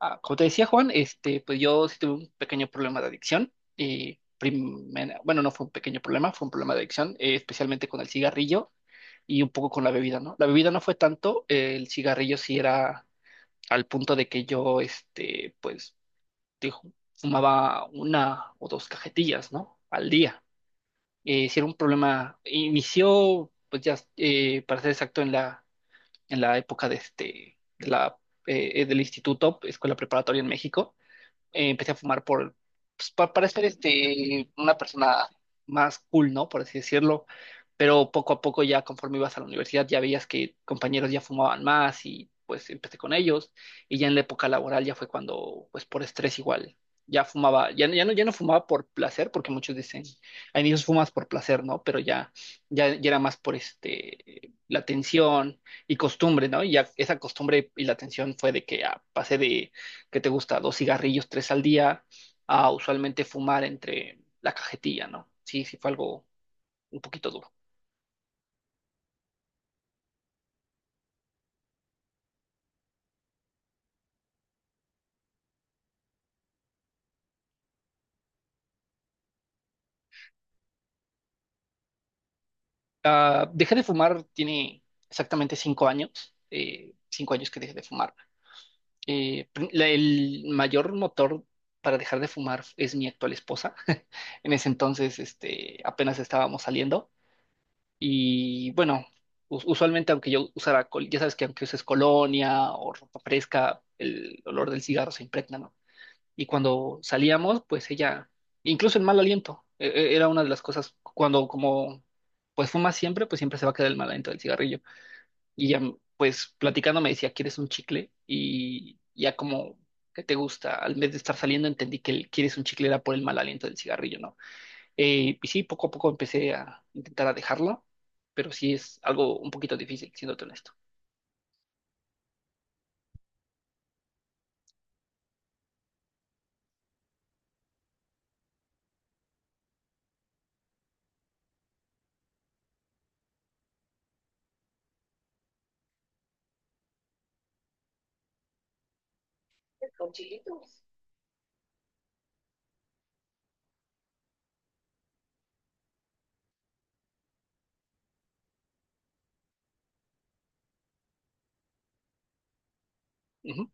Ah, como te decía Juan, pues yo sí tuve un pequeño problema de adicción. Y bueno, no fue un pequeño problema, fue un problema de adicción, especialmente con el cigarrillo y un poco con la bebida, ¿no? La bebida no fue tanto, el cigarrillo sí era al punto de que yo, dijo, fumaba una o dos cajetillas, ¿no? Al día. Sí era un problema, inició, pues ya, para ser exacto, en la época de de la, del instituto, escuela preparatoria en México, empecé a fumar por, pues, para ser una persona más cool, ¿no? Por así decirlo. Pero poco a poco ya conforme ibas a la universidad ya veías que compañeros ya fumaban más y pues empecé con ellos. Y ya en la época laboral ya fue cuando, pues por estrés igual, ya fumaba, ya, ya no fumaba por placer, porque muchos dicen, a inicios fumas por placer, ¿no? Pero ya era más por la tensión y costumbre, ¿no? Y ya esa costumbre y la tensión fue de que pasé de, ¿qué te gusta? Dos cigarrillos, tres al día, a usualmente fumar entre la cajetilla, ¿no? Sí, sí fue algo un poquito duro. Dejé de fumar, tiene exactamente 5 años. 5 años que dejé de fumar. El mayor motor para dejar de fumar es mi actual esposa. En ese entonces, apenas estábamos saliendo y bueno, usualmente aunque yo usara, ya sabes que aunque uses colonia o ropa fresca, el olor del cigarro se impregna, ¿no? Y cuando salíamos, pues ella, incluso el mal aliento, era una de las cosas, cuando como pues fumas siempre, pues siempre se va a quedar el mal aliento del cigarrillo. Y ella, pues platicando me decía, ¿quieres un chicle? Y ya como, ¿qué te gusta? Al vez de estar saliendo entendí que el quieres un chicle era por el mal aliento del cigarrillo, ¿no? Y sí, poco a poco empecé a intentar a dejarlo, pero sí es algo un poquito difícil, siéndote honesto. Ujú,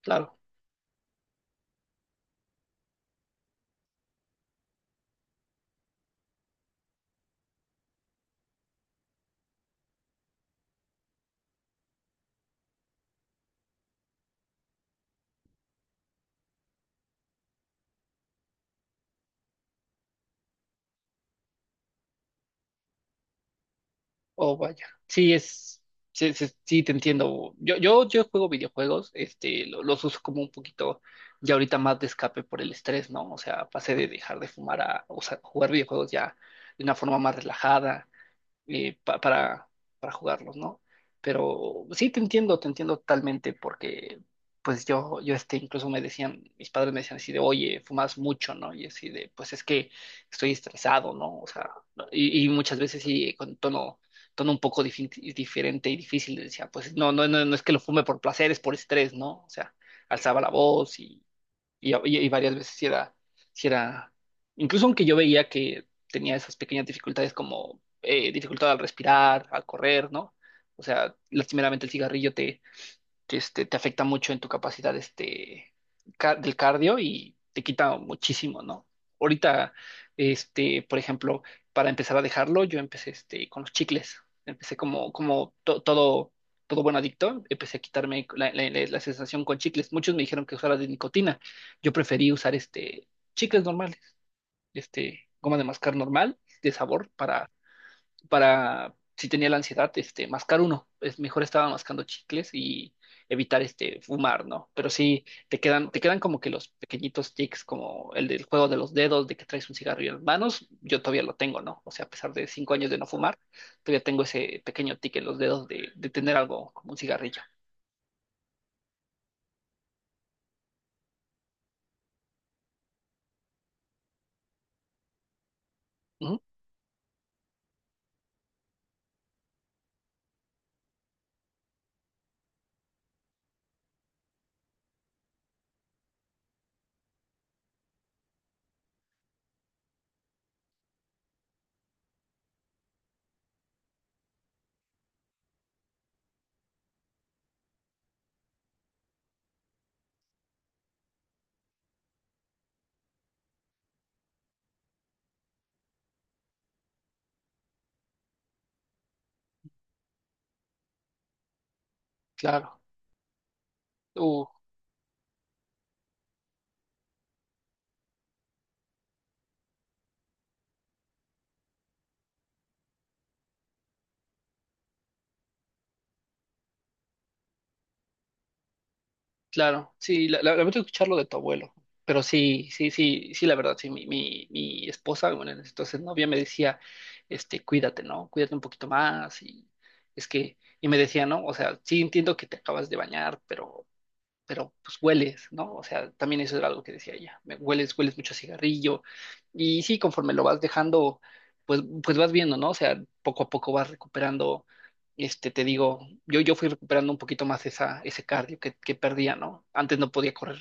claro. Oh, vaya. Sí, es, sí, sí, sí, te entiendo. Yo juego videojuegos, los uso como un poquito, ya ahorita más de escape por el estrés, ¿no? O sea, pasé de dejar de fumar a, o sea, jugar videojuegos ya de una forma más relajada, eh, pa- para, para jugarlos, ¿no? Pero sí te entiendo totalmente, porque pues incluso me decían, mis padres me decían así de, oye, fumas mucho, ¿no? Y así de, pues es que estoy estresado, ¿no? O sea, ¿no? Y muchas veces sí, con tono, un poco diferente y difícil, les decía, pues no, no, no, no es que lo fume por placer, es por estrés, ¿no? O sea, alzaba la voz y varias veces sí era, incluso aunque yo veía que tenía esas pequeñas dificultades como dificultad al respirar, al correr, ¿no? O sea, lastimeramente el cigarrillo que te afecta mucho en tu capacidad, del cardio y te quita muchísimo, ¿no? Ahorita, por ejemplo, para empezar a dejarlo, yo empecé con los chicles. Empecé como todo buen adicto, empecé a quitarme la sensación con chicles. Muchos me dijeron que usara de nicotina. Yo preferí usar chicles normales, goma de mascar normal, de sabor, para si tenía la ansiedad, mascar uno. Es mejor estaba mascando chicles y evitar fumar, ¿no? Pero sí te quedan como que los pequeñitos tics, como el del juego de los dedos, de que traes un cigarrillo en las manos, yo todavía lo tengo, ¿no? O sea, a pesar de 5 años de no fumar, todavía tengo ese pequeño tic en los dedos de, tener algo como un cigarrillo. Ujú, claro. Uh, Claro, sí, lamento escucharlo de tu abuelo, pero sí, sí, sí, sí, la verdad, sí, mi esposa, bueno, en ese entonces novia me decía, cuídate, ¿no? Cuídate un poquito más y es que, y me decía, no, o sea, sí entiendo que te acabas de bañar, pero pues hueles, ¿no? O sea, también eso era algo que decía ella, hueles, mucho a cigarrillo, y sí, conforme lo vas dejando, pues vas viendo, ¿no? O sea, poco a poco vas recuperando, te digo, yo fui recuperando un poquito más esa, ese cardio que perdía, ¿no? Antes no podía correr,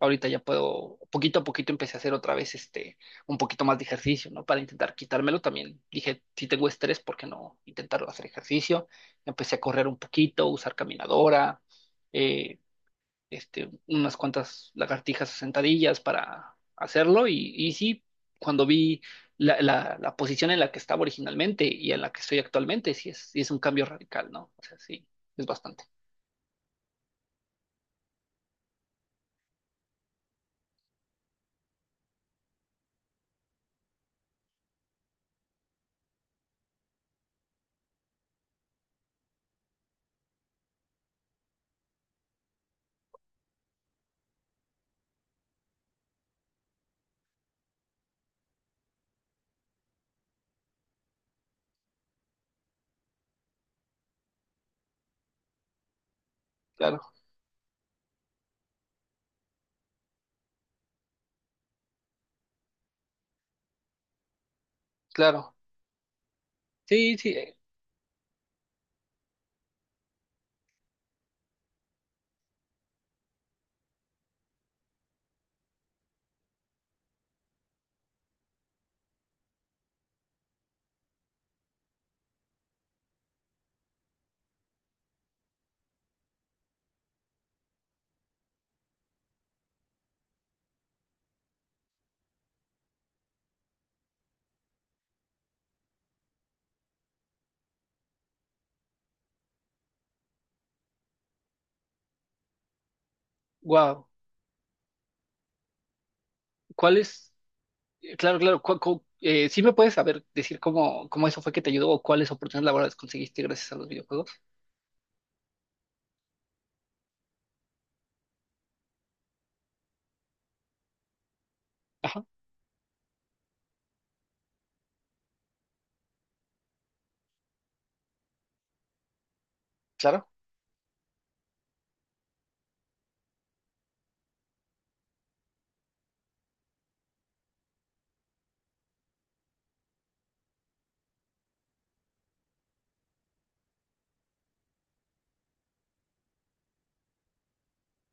ahorita ya puedo, poquito a poquito empecé a hacer otra vez, un poquito más de ejercicio, ¿no? Para intentar quitármelo también, dije, si tengo estrés, ¿por qué no intentar hacer ejercicio? Empecé a correr un poquito, usar caminadora, eh, unas cuantas lagartijas sentadillas para hacerlo y sí, cuando vi la posición en la que estaba originalmente y en la que estoy actualmente, sí es un cambio radical, ¿no? O sea, sí, es bastante. Claro, claro. Sí, sí, wow. ¿Cuál es? Claro, claro. ¿Sí me puedes saber decir cómo eso fue que te ayudó o cuáles oportunidades laborales conseguiste gracias a los videojuegos? Ajá, claro.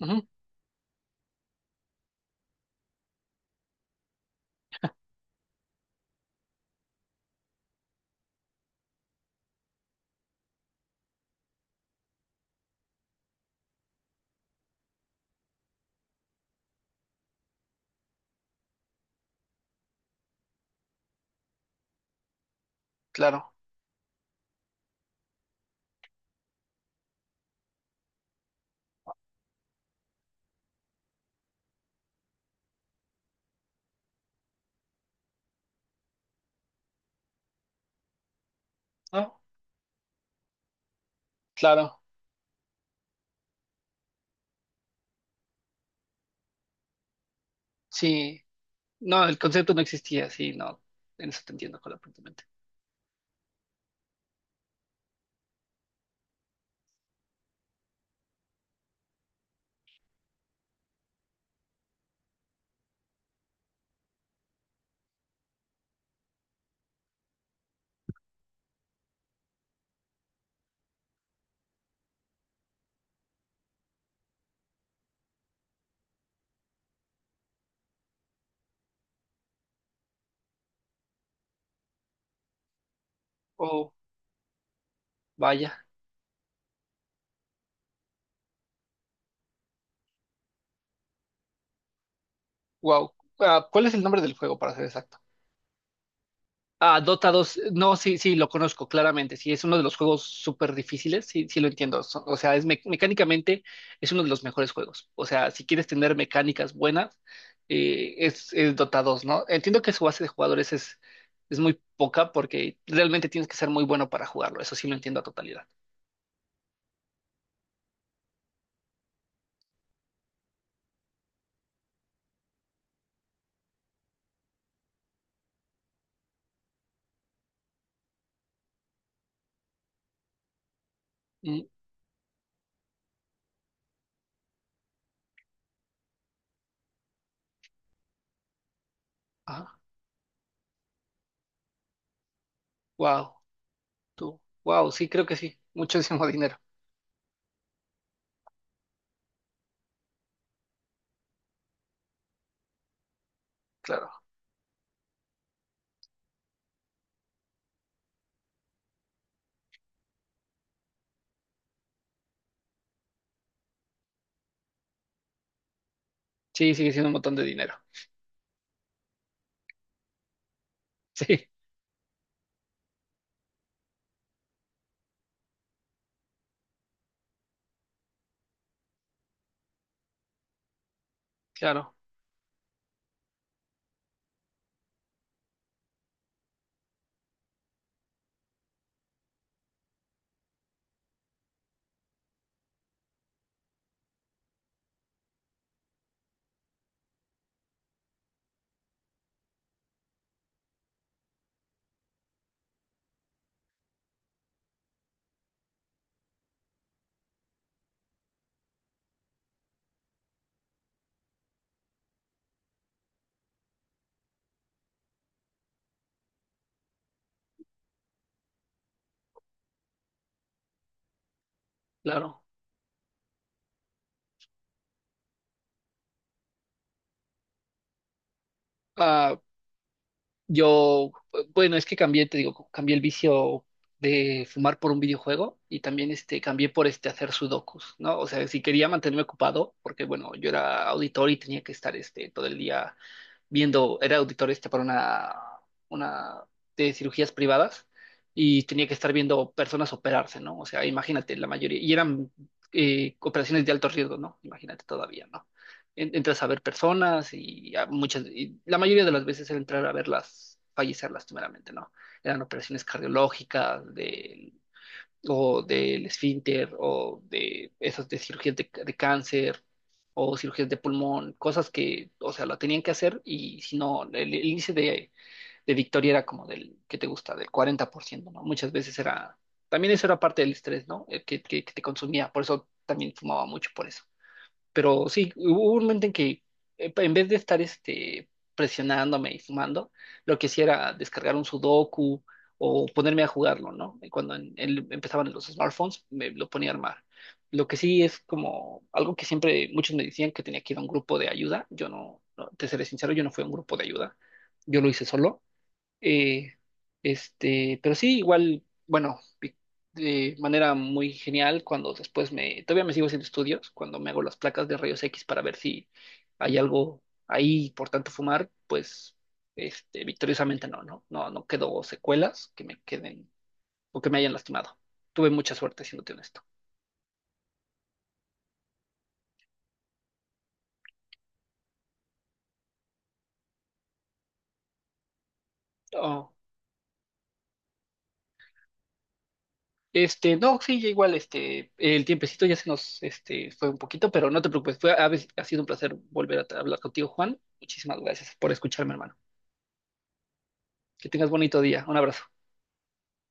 Ujú, claro. Ah, claro. Sí. No, el concepto no existía, sí, no. En eso te entiendo completamente. Oh, vaya. Wow. Ah, ¿cuál es el nombre del juego, para ser exacto? Ah, Dota 2. No, sí, sí, lo conozco claramente. Sí, es uno de los juegos súper difíciles. Sí, sí, lo entiendo. O sea, es mecánicamente es uno de los mejores juegos. O sea, si quieres tener mecánicas buenas, es, Dota 2, ¿no? Entiendo que su base de jugadores es muy poca porque realmente tienes que ser muy bueno para jugarlo. Eso sí lo entiendo a totalidad. Mm, ah, wow. Tú. Wow, sí, creo que sí. Muchísimo dinero, claro. Sí, sigue siendo un montón de dinero. Sí, claro, claro. Ah, yo, bueno, es que cambié, te digo, cambié el vicio de fumar por un videojuego y también cambié por hacer sudokus, ¿no? O sea, si quería mantenerme ocupado, porque bueno, yo era auditor y tenía que estar todo el día viendo, era auditor para una, de cirugías privadas y tenía que estar viendo personas operarse, ¿no? O sea, imagínate, la mayoría, y eran operaciones de alto riesgo, ¿no? Imagínate todavía, ¿no? Entras a ver personas y a muchas, y la mayoría de las veces era entrar a verlas fallecer lastimeramente, ¿no? Eran operaciones cardiológicas, de o del esfínter, o de esas de cirugías de, cáncer, o cirugías de pulmón, cosas que, o sea, la tenían que hacer y si no, el, índice de victoria era como del, ¿qué te gusta? Del 40%, ¿no? Muchas veces era, también eso era parte del estrés, ¿no? El que te consumía, por eso también fumaba mucho por eso. Pero sí, hubo un momento en que en vez de estar presionándome y fumando, lo que hacía era descargar un sudoku o ponerme a jugarlo, ¿no? Y cuando empezaban los smartphones, me lo ponía a armar. Lo que sí es como algo que siempre muchos me decían que tenía que ir a un grupo de ayuda. Yo no, no, te seré sincero, yo no fui a un grupo de ayuda. Yo lo hice solo, eh, pero sí, igual, bueno, de manera muy genial cuando después me, todavía me sigo haciendo estudios, cuando me hago las placas de rayos X para ver si hay algo ahí, por tanto fumar, pues, victoriosamente no, no, no, no quedó secuelas que me queden o que me hayan lastimado. Tuve mucha suerte, siéndote honesto. Oh. No, sí, ya igual, el tiempecito ya se nos, fue un poquito, pero no te preocupes, ha sido un placer volver a hablar contigo, Juan. Muchísimas gracias por escucharme, hermano. Que tengas bonito día. Un abrazo.